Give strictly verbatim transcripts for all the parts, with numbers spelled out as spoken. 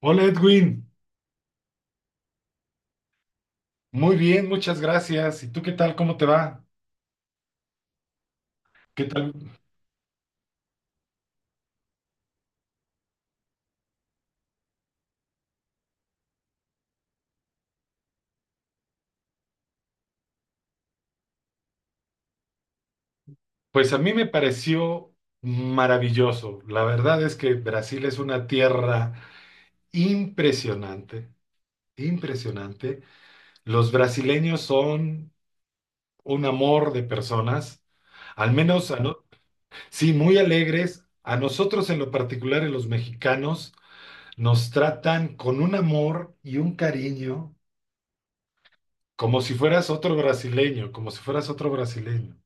Hola Edwin, muy bien, muchas gracias. ¿Y tú qué tal? ¿Cómo te va? ¿Qué tal? Pues a mí me pareció maravilloso. La verdad es que Brasil es una tierra impresionante, impresionante. Los brasileños son un amor de personas, al menos, a no- sí, muy alegres. A nosotros en lo particular, en los mexicanos, nos tratan con un amor y un cariño como si fueras otro brasileño, como si fueras otro brasileño.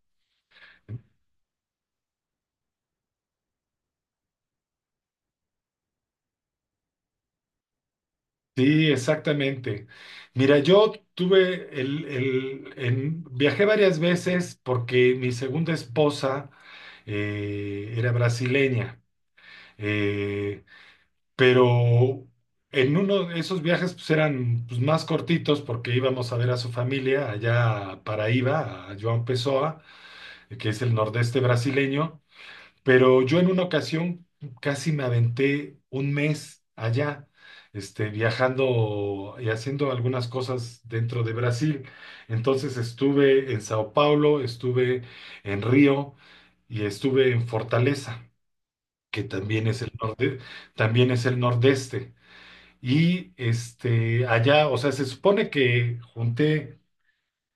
Sí, exactamente. Mira, yo tuve el, el- en- viajé varias veces porque mi segunda esposa eh, era brasileña, eh, pero en uno de esos viajes pues, eran pues, más cortitos porque íbamos a ver a su familia allá a Paraíba, a João Pessoa, que es el nordeste brasileño. Pero yo en una ocasión casi me aventé un mes allá, este, viajando y haciendo algunas cosas dentro de Brasil. Entonces estuve en Sao Paulo, estuve en Río y estuve en Fortaleza, que también es el norte, también es el nordeste. Y este, allá, o sea, se supone que junté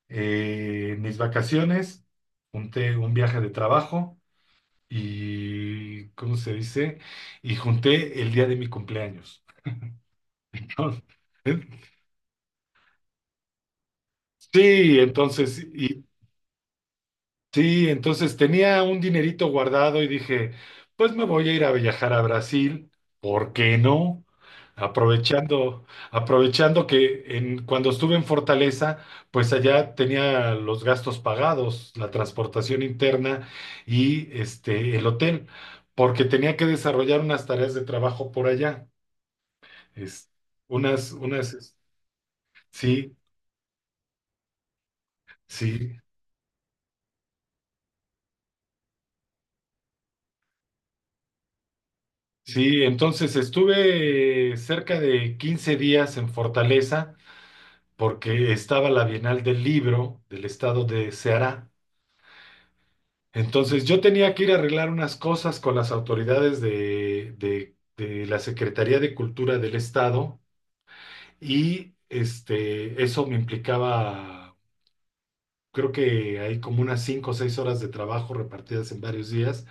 eh, mis vacaciones, junté un viaje de trabajo y, ¿cómo se dice? Y junté el día de mi cumpleaños. Sí, entonces, y, sí, entonces tenía un dinerito guardado y dije, pues me voy a ir a viajar a Brasil, ¿por qué no? Aprovechando, aprovechando que en, cuando estuve en Fortaleza, pues allá tenía los gastos pagados, la transportación interna y este, el hotel, porque tenía que desarrollar unas tareas de trabajo por allá. Es, unas, unas, es- sí, sí, sí. Entonces estuve cerca de quince días en Fortaleza porque estaba la Bienal del Libro del estado de Ceará. Entonces yo tenía que ir a arreglar unas cosas con las autoridades de, de- de la Secretaría de Cultura del estado y este, eso me implicaba, creo que hay como unas cinco o seis horas de trabajo repartidas en varios días.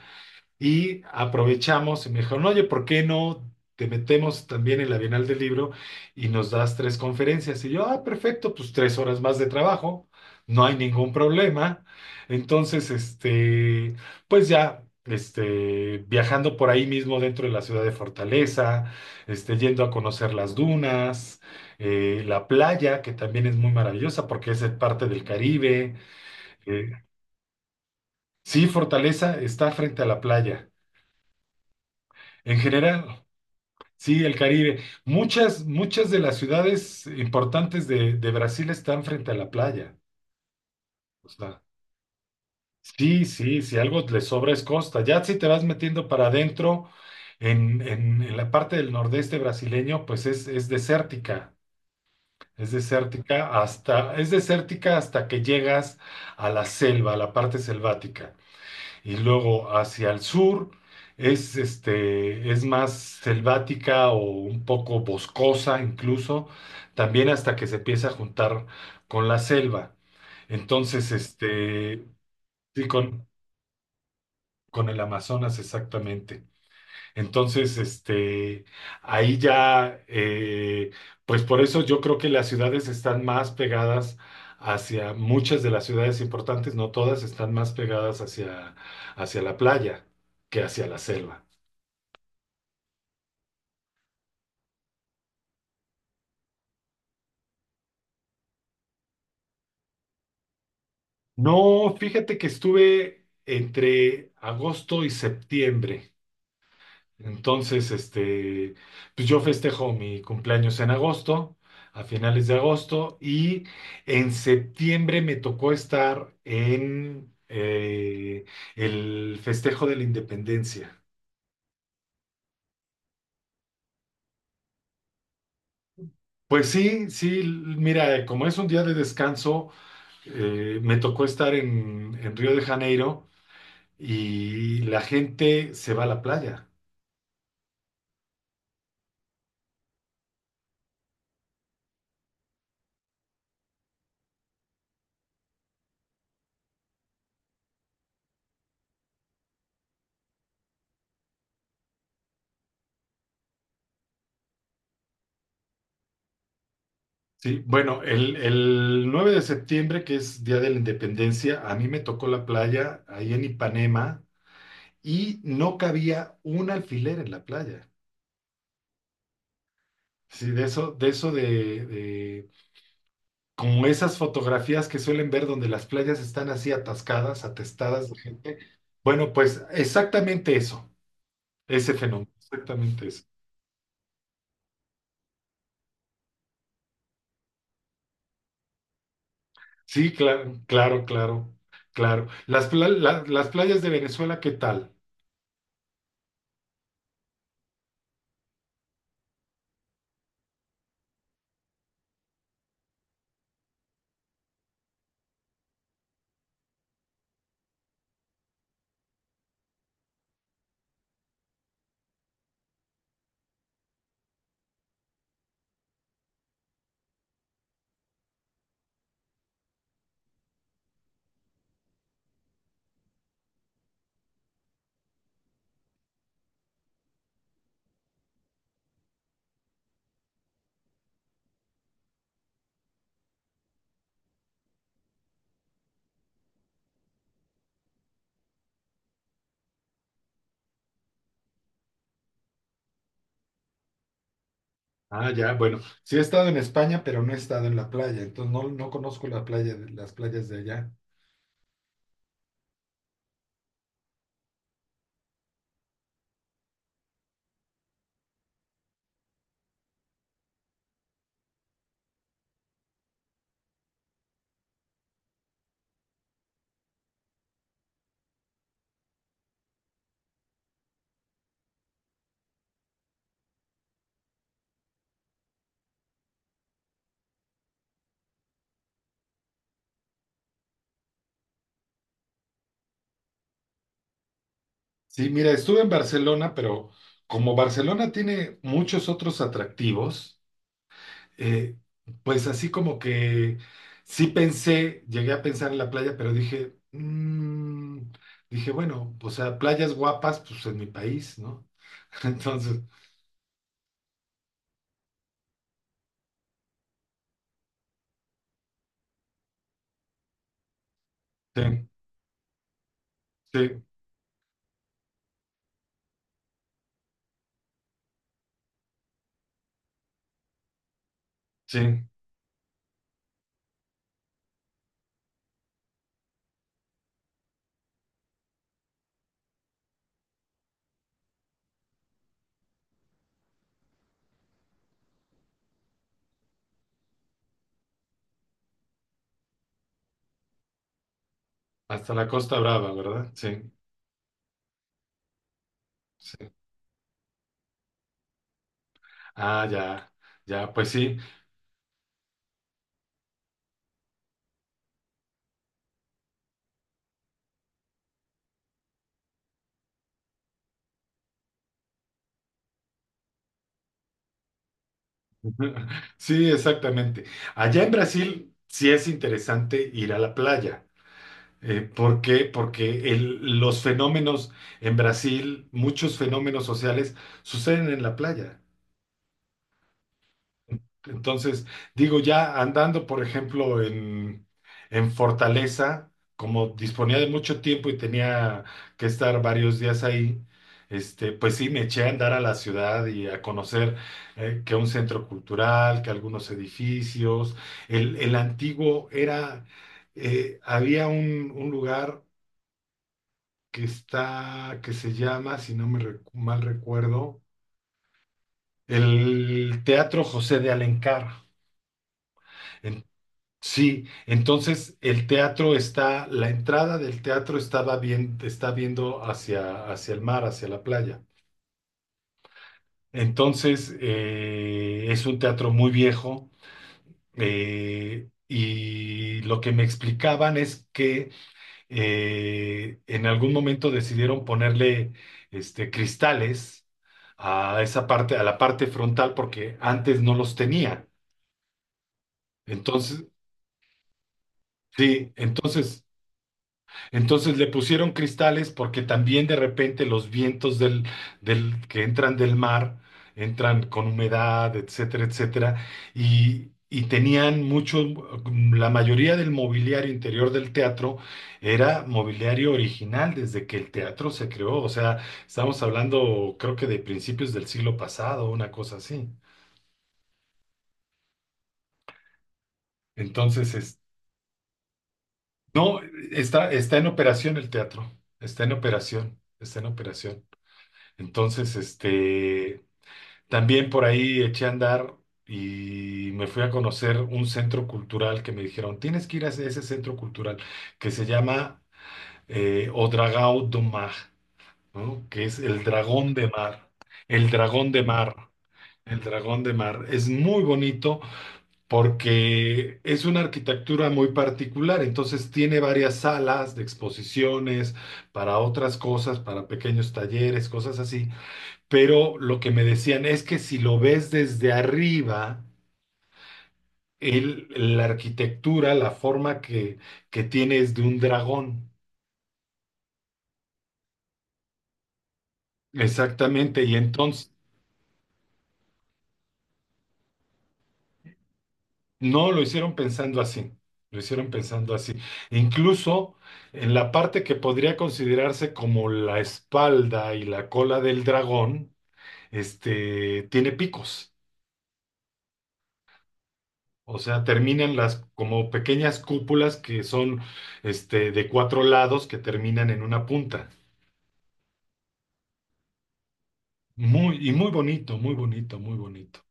Y aprovechamos y me dijeron, oye, ¿por qué no te metemos también en la Bienal del Libro y nos das tres conferencias? Y yo, ah, perfecto, pues tres horas más de trabajo, no hay ningún problema. Entonces, este, pues ya, este, viajando por ahí mismo dentro de la ciudad de Fortaleza, este, yendo a conocer las dunas, eh, la playa, que también es muy maravillosa porque es parte del Caribe. Eh, sí, Fortaleza está frente a la playa. En general, sí, el Caribe. Muchas, muchas de las ciudades importantes de, de Brasil están frente a la playa. O sea, sí, sí, si algo le sobra es costa. Ya si te vas metiendo para adentro, en, en- en la parte del nordeste brasileño, pues es, es desértica. Es desértica hasta, es desértica hasta que llegas a la selva, a la parte selvática. Y luego hacia el sur es, este, es más selvática o un poco boscosa incluso, también hasta que se empieza a juntar con la selva. Entonces, este, sí, con, con el Amazonas exactamente. Entonces, este, ahí ya, eh, pues por eso yo creo que las ciudades están más pegadas hacia, muchas de las ciudades importantes, no todas, están más pegadas hacia, hacia la playa que hacia la selva. No, fíjate que estuve entre agosto y septiembre. Entonces, este, pues yo festejo mi cumpleaños en agosto, a finales de agosto, y en septiembre me tocó estar en eh, el festejo de la independencia. Pues sí, sí, mira, eh, como es un día de descanso, eh, me tocó estar en, en Río de Janeiro y la gente se va a la playa. Sí, bueno, el, el nueve de septiembre, que es Día de la Independencia, a mí me tocó la playa ahí en Ipanema y no cabía un alfiler en la playa. Sí, de eso, de eso de, de- como esas fotografías que suelen ver donde las playas están así atascadas, atestadas de gente. Bueno, pues exactamente eso, ese fenómeno, exactamente eso. Sí, claro, claro, claro, claro. Las, pla- la- las playas de Venezuela, ¿qué tal? Ah, ya, bueno, sí he estado en España, pero no he estado en la playa, entonces no, no conozco la playa, de- las playas de allá. Sí, mira, estuve en Barcelona, pero como Barcelona tiene muchos otros atractivos, eh, pues así como que sí pensé, llegué a pensar en la playa, pero dije, mm, dije, bueno, o sea, playas guapas, pues en mi país, ¿no? Entonces, sí, sí, sí, hasta la Costa Brava, ¿verdad? Sí, sí. Ah, ya, ya, pues sí. Sí, exactamente. Allá en Brasil sí es interesante ir a la playa. Eh, ¿por qué? Porque el- los fenómenos en Brasil, muchos fenómenos sociales suceden en la playa. Entonces, digo, ya andando, por ejemplo, en, en Fortaleza, como disponía de mucho tiempo y tenía que estar varios días ahí, este, pues sí, me eché a andar a la ciudad y a conocer eh, que un centro cultural, que algunos edificios. El, el antiguo era, eh, había un, un lugar que está, que se llama, si no me recu- mal recuerdo, el Teatro José de Alencar. Sí, entonces el teatro está, la entrada del teatro estaba bien, está viendo hacia, hacia el mar, hacia la playa. Entonces eh, es un teatro muy viejo eh, y lo que me explicaban es que eh, en algún momento decidieron ponerle este, cristales a esa parte, a la parte frontal porque antes no los tenía. Entonces, sí, entonces Entonces le pusieron cristales porque también de repente los vientos del, del, que entran del mar entran con humedad, etcétera, etcétera, y, y tenían mucho, la mayoría del mobiliario interior del teatro era mobiliario original desde que el teatro se creó, o sea, estamos hablando creo que de principios del siglo pasado, una cosa así. Entonces, es- no, está, está en operación el teatro, está en operación, está en operación. Entonces, este, también por ahí eché a andar y me fui a conocer un centro cultural que me dijeron, tienes que ir a ese ese centro cultural que se llama eh, O Dragão do Mar, ¿no? Que es el dragón de mar, el dragón de mar, el dragón de mar. Es muy bonito porque es una arquitectura muy particular, entonces tiene varias salas de exposiciones para otras cosas, para pequeños talleres, cosas así, pero lo que me decían es que si lo ves desde arriba, el- la arquitectura, la forma que, que tiene es de un dragón. Exactamente, y entonces no lo hicieron pensando así, lo hicieron pensando así. Incluso en la parte que podría considerarse como la espalda y la cola del dragón, este, tiene picos. O sea, terminan las como pequeñas cúpulas que son este, de cuatro lados que terminan en una punta. Muy, y muy bonito, muy bonito, muy bonito.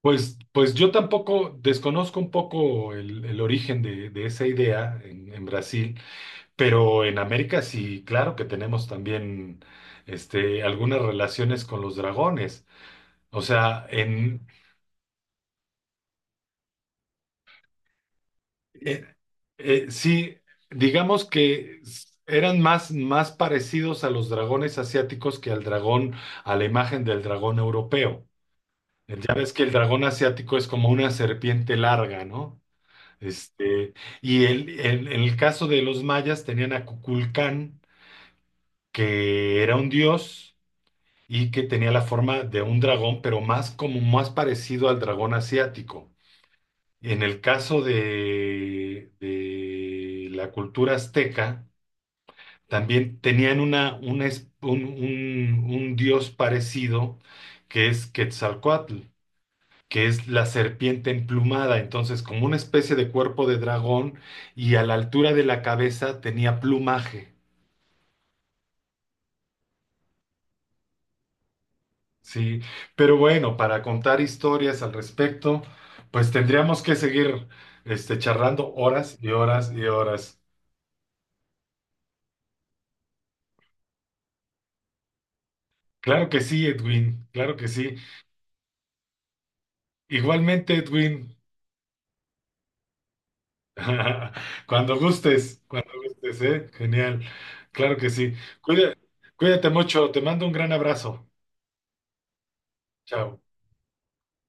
Pues, pues yo tampoco desconozco un poco el, el origen de, de esa idea en, en Brasil, pero en América sí, claro que tenemos también este, algunas relaciones con los dragones. O sea, en, eh, eh, sí, digamos que s- eran más, más parecidos a los dragones asiáticos que al dragón, a la imagen del dragón europeo. Ya ves que el dragón asiático es como una serpiente larga, ¿no? Este, y el, el- en el caso de los mayas tenían a Cuculcán, que era un dios y que tenía la forma de un dragón, pero más como más parecido al dragón asiático. En el caso de, de la cultura azteca, también tenían una, una es- un, un un dios parecido que es Quetzalcóatl, que es la serpiente emplumada, entonces como una especie de cuerpo de dragón y a la altura de la cabeza tenía plumaje, ¿sí? Pero bueno, para contar historias al respecto, pues tendríamos que seguir este, charlando horas y horas y horas. Claro que sí, Edwin, claro que sí. Igualmente, Edwin, cuando gustes, cuando gustes, ¿eh? Genial, claro que sí. Cuida- cuídate mucho, te mando un gran abrazo. Chao.